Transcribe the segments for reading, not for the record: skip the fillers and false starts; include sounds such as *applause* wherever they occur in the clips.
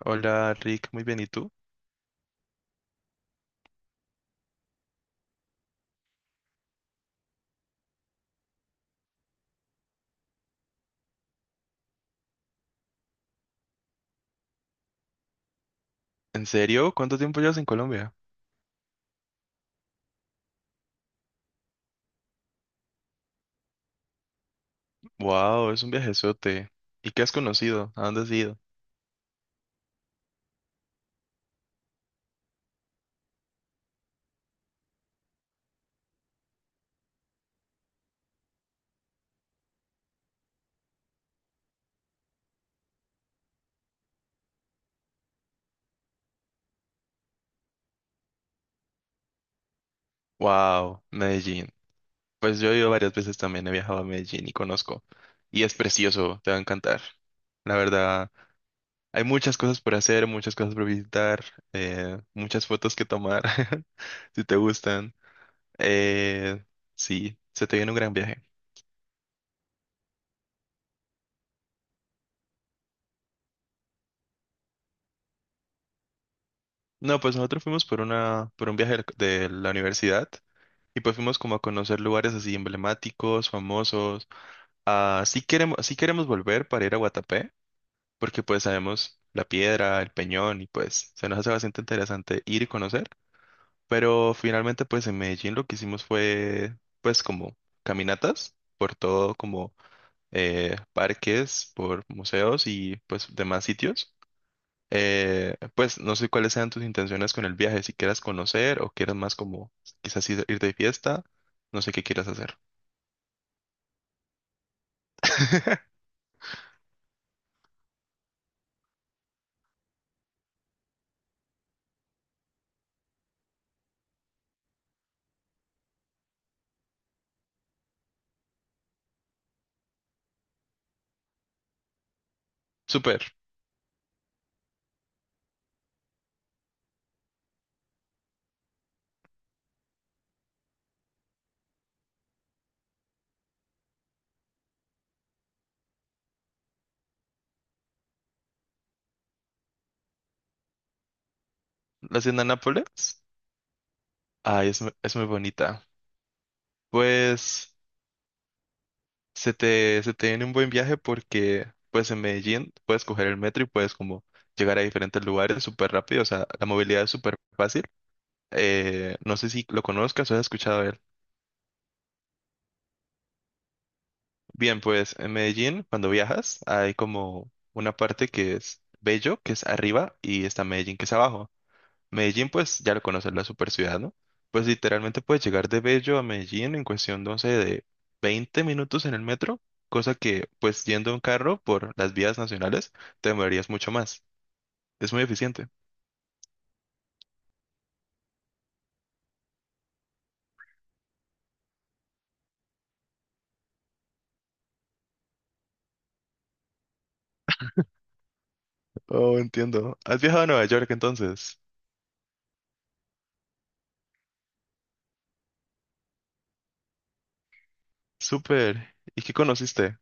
Hola Rick, muy bien, ¿y tú? ¿En serio? ¿Cuánto tiempo llevas en Colombia? Wow, es un viajezote. ¿Y qué has conocido? ¿A dónde has ido? Wow, Medellín. Pues yo he ido varias veces también, he viajado a Medellín y conozco. Y es precioso, te va a encantar. La verdad, hay muchas cosas por hacer, muchas cosas por visitar, muchas fotos que tomar, *laughs* si te gustan. Eh, sí, se te viene un gran viaje. No, pues nosotros fuimos por una, por un viaje de la universidad. Y pues fuimos como a conocer lugares así emblemáticos, famosos. Ah, sí queremos volver para ir a Guatapé, porque pues sabemos la piedra, el peñón y pues se nos hace bastante interesante ir y conocer. Pero finalmente pues en Medellín lo que hicimos fue pues como caminatas por todo como, parques, por museos y pues demás sitios. Pues no sé cuáles sean tus intenciones con el viaje, si quieras conocer o quieras más como quizás ir de fiesta, no sé qué quieras hacer. *laughs* Súper. La hacienda Nápoles. Ay, es, mu- es muy bonita. Pues se te viene un buen viaje porque pues en Medellín puedes coger el metro y puedes como llegar a diferentes lugares súper rápido. O sea, la movilidad es súper fácil. No sé si lo conozcas o has escuchado de él. Bien, pues en Medellín, cuando viajas, hay como una parte que es Bello, que es arriba, y está Medellín, que es abajo. Medellín, pues ya lo conoces, la super ciudad, ¿no? Pues literalmente puedes llegar de Bello a Medellín en cuestión de, no sé, de 20 minutos en el metro, cosa que, pues yendo en carro por las vías nacionales, te demorarías mucho más. Es muy eficiente. Oh, entiendo. ¿Has viajado a Nueva York entonces? Súper. ¿Y qué conociste?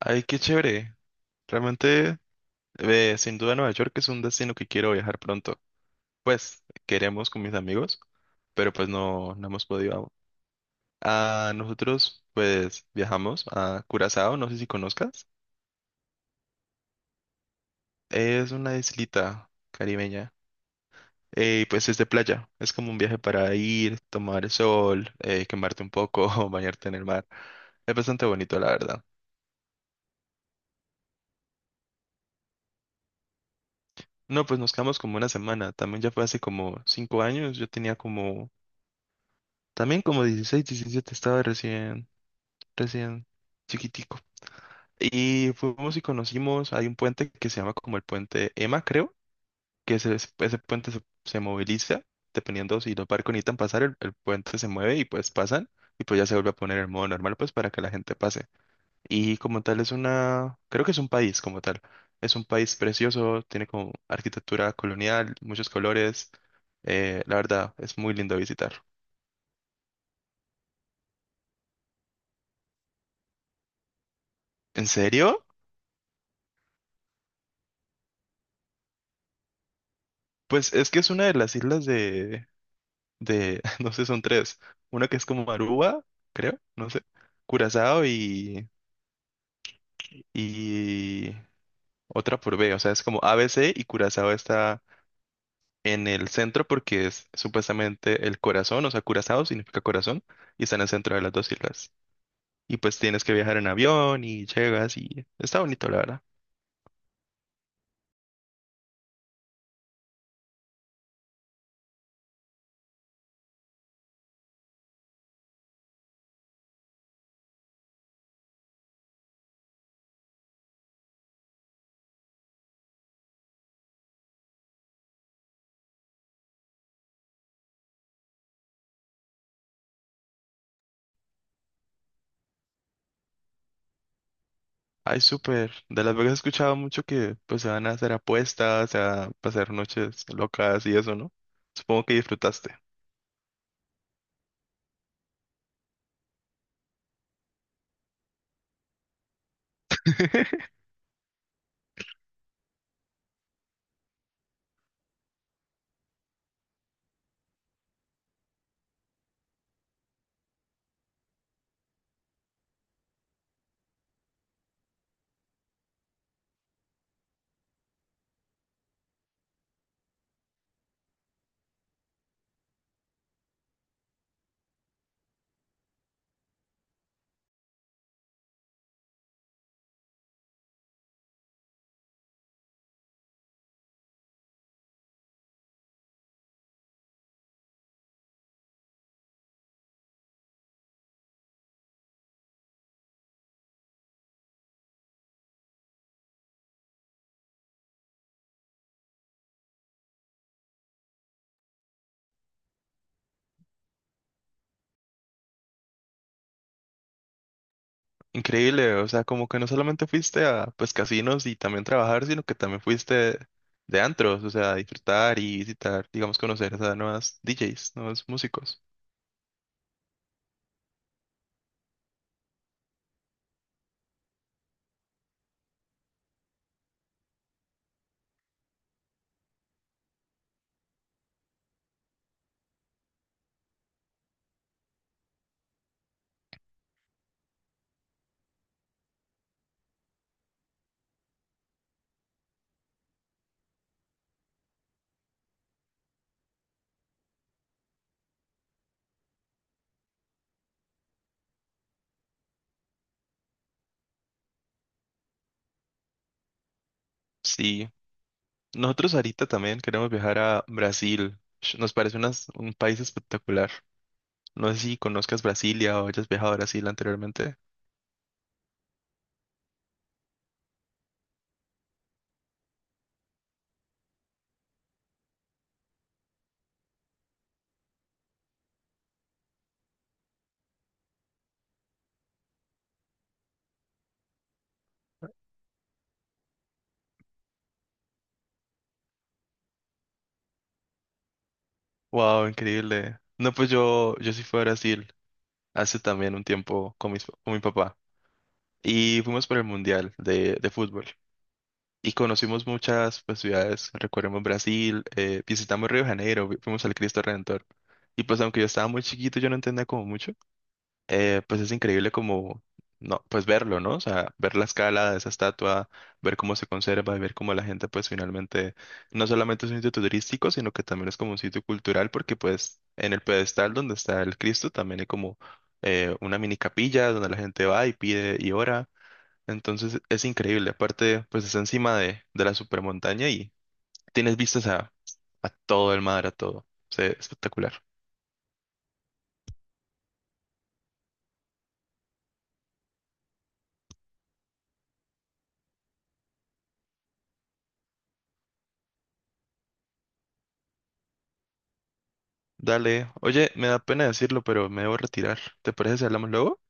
Ay, qué chévere. Realmente, sin duda Nueva York es un destino que quiero viajar pronto. Pues queremos con mis amigos, pero pues no, no hemos podido. Ah, nosotros pues viajamos a Curazao, no sé si conozcas. Es una islita caribeña. Y pues es de playa. Es como un viaje para ir, tomar el sol, quemarte un poco, *laughs* bañarte en el mar. Es bastante bonito, la verdad. No, pues nos quedamos como una semana. También ya fue hace como 5 años. Yo tenía como, también como 16 17 estaba recién chiquitico. Y fuimos y conocimos, hay un puente que se llama como el puente Emma, creo que ese puente se, se moviliza, dependiendo si los barcos necesitan pasar, el puente se mueve y pues pasan, y pues ya se vuelve a poner en modo normal, pues para que la gente pase. Y como tal es una, creo que es un país como tal, es un país precioso, tiene como arquitectura colonial, muchos colores, la verdad, es muy lindo visitar. ¿En serio? Pues es que es una de las islas de, *laughs* no sé, son tres, una que es como Aruba, creo, no sé, Curazao y otra por B. O sea, es como ABC y Curazao está en el centro porque es supuestamente el corazón. O sea, Curazao significa corazón y está en el centro de las dos islas. Y pues tienes que viajar en avión y llegas y está bonito, la verdad. Ay, súper. De Las Vegas he escuchado mucho que pues se van a hacer apuestas, se van a pasar noches locas y eso, ¿no? Supongo que disfrutaste. *laughs* Increíble, o sea, como que no solamente fuiste a pues casinos y también trabajar, sino que también fuiste de antros, o sea, a disfrutar y visitar, digamos, conocer a nuevas DJs, nuevos músicos. Sí, nosotros ahorita también queremos viajar a Brasil. Sh- Nos parece unas- un país espectacular. No sé si conozcas Brasilia o hayas viajado a Brasil anteriormente. Wow, increíble. No, pues yo sí fui a Brasil hace también un tiempo con mis- con mi papá y fuimos por el Mundial de fútbol. Y conocimos muchas pues, ciudades, recorrimos Brasil, visitamos Río de Janeiro, vi- fuimos al Cristo Redentor. Y pues aunque yo estaba muy chiquito, yo no entendía como mucho, pues es increíble como, no, pues verlo, ¿no? O sea, ver la escala de esa estatua, ver cómo se conserva, y ver cómo la gente pues finalmente, no solamente es un sitio turístico, sino que también es como un sitio cultural, porque pues en el pedestal donde está el Cristo también hay como, una mini capilla donde la gente va y pide y ora. Entonces es increíble. Aparte, pues está encima de la supermontaña y tienes vistas a todo el mar, a todo. O sea, espectacular. Dale. Oye, me da pena decirlo, pero me debo retirar. ¿Te parece si hablamos luego?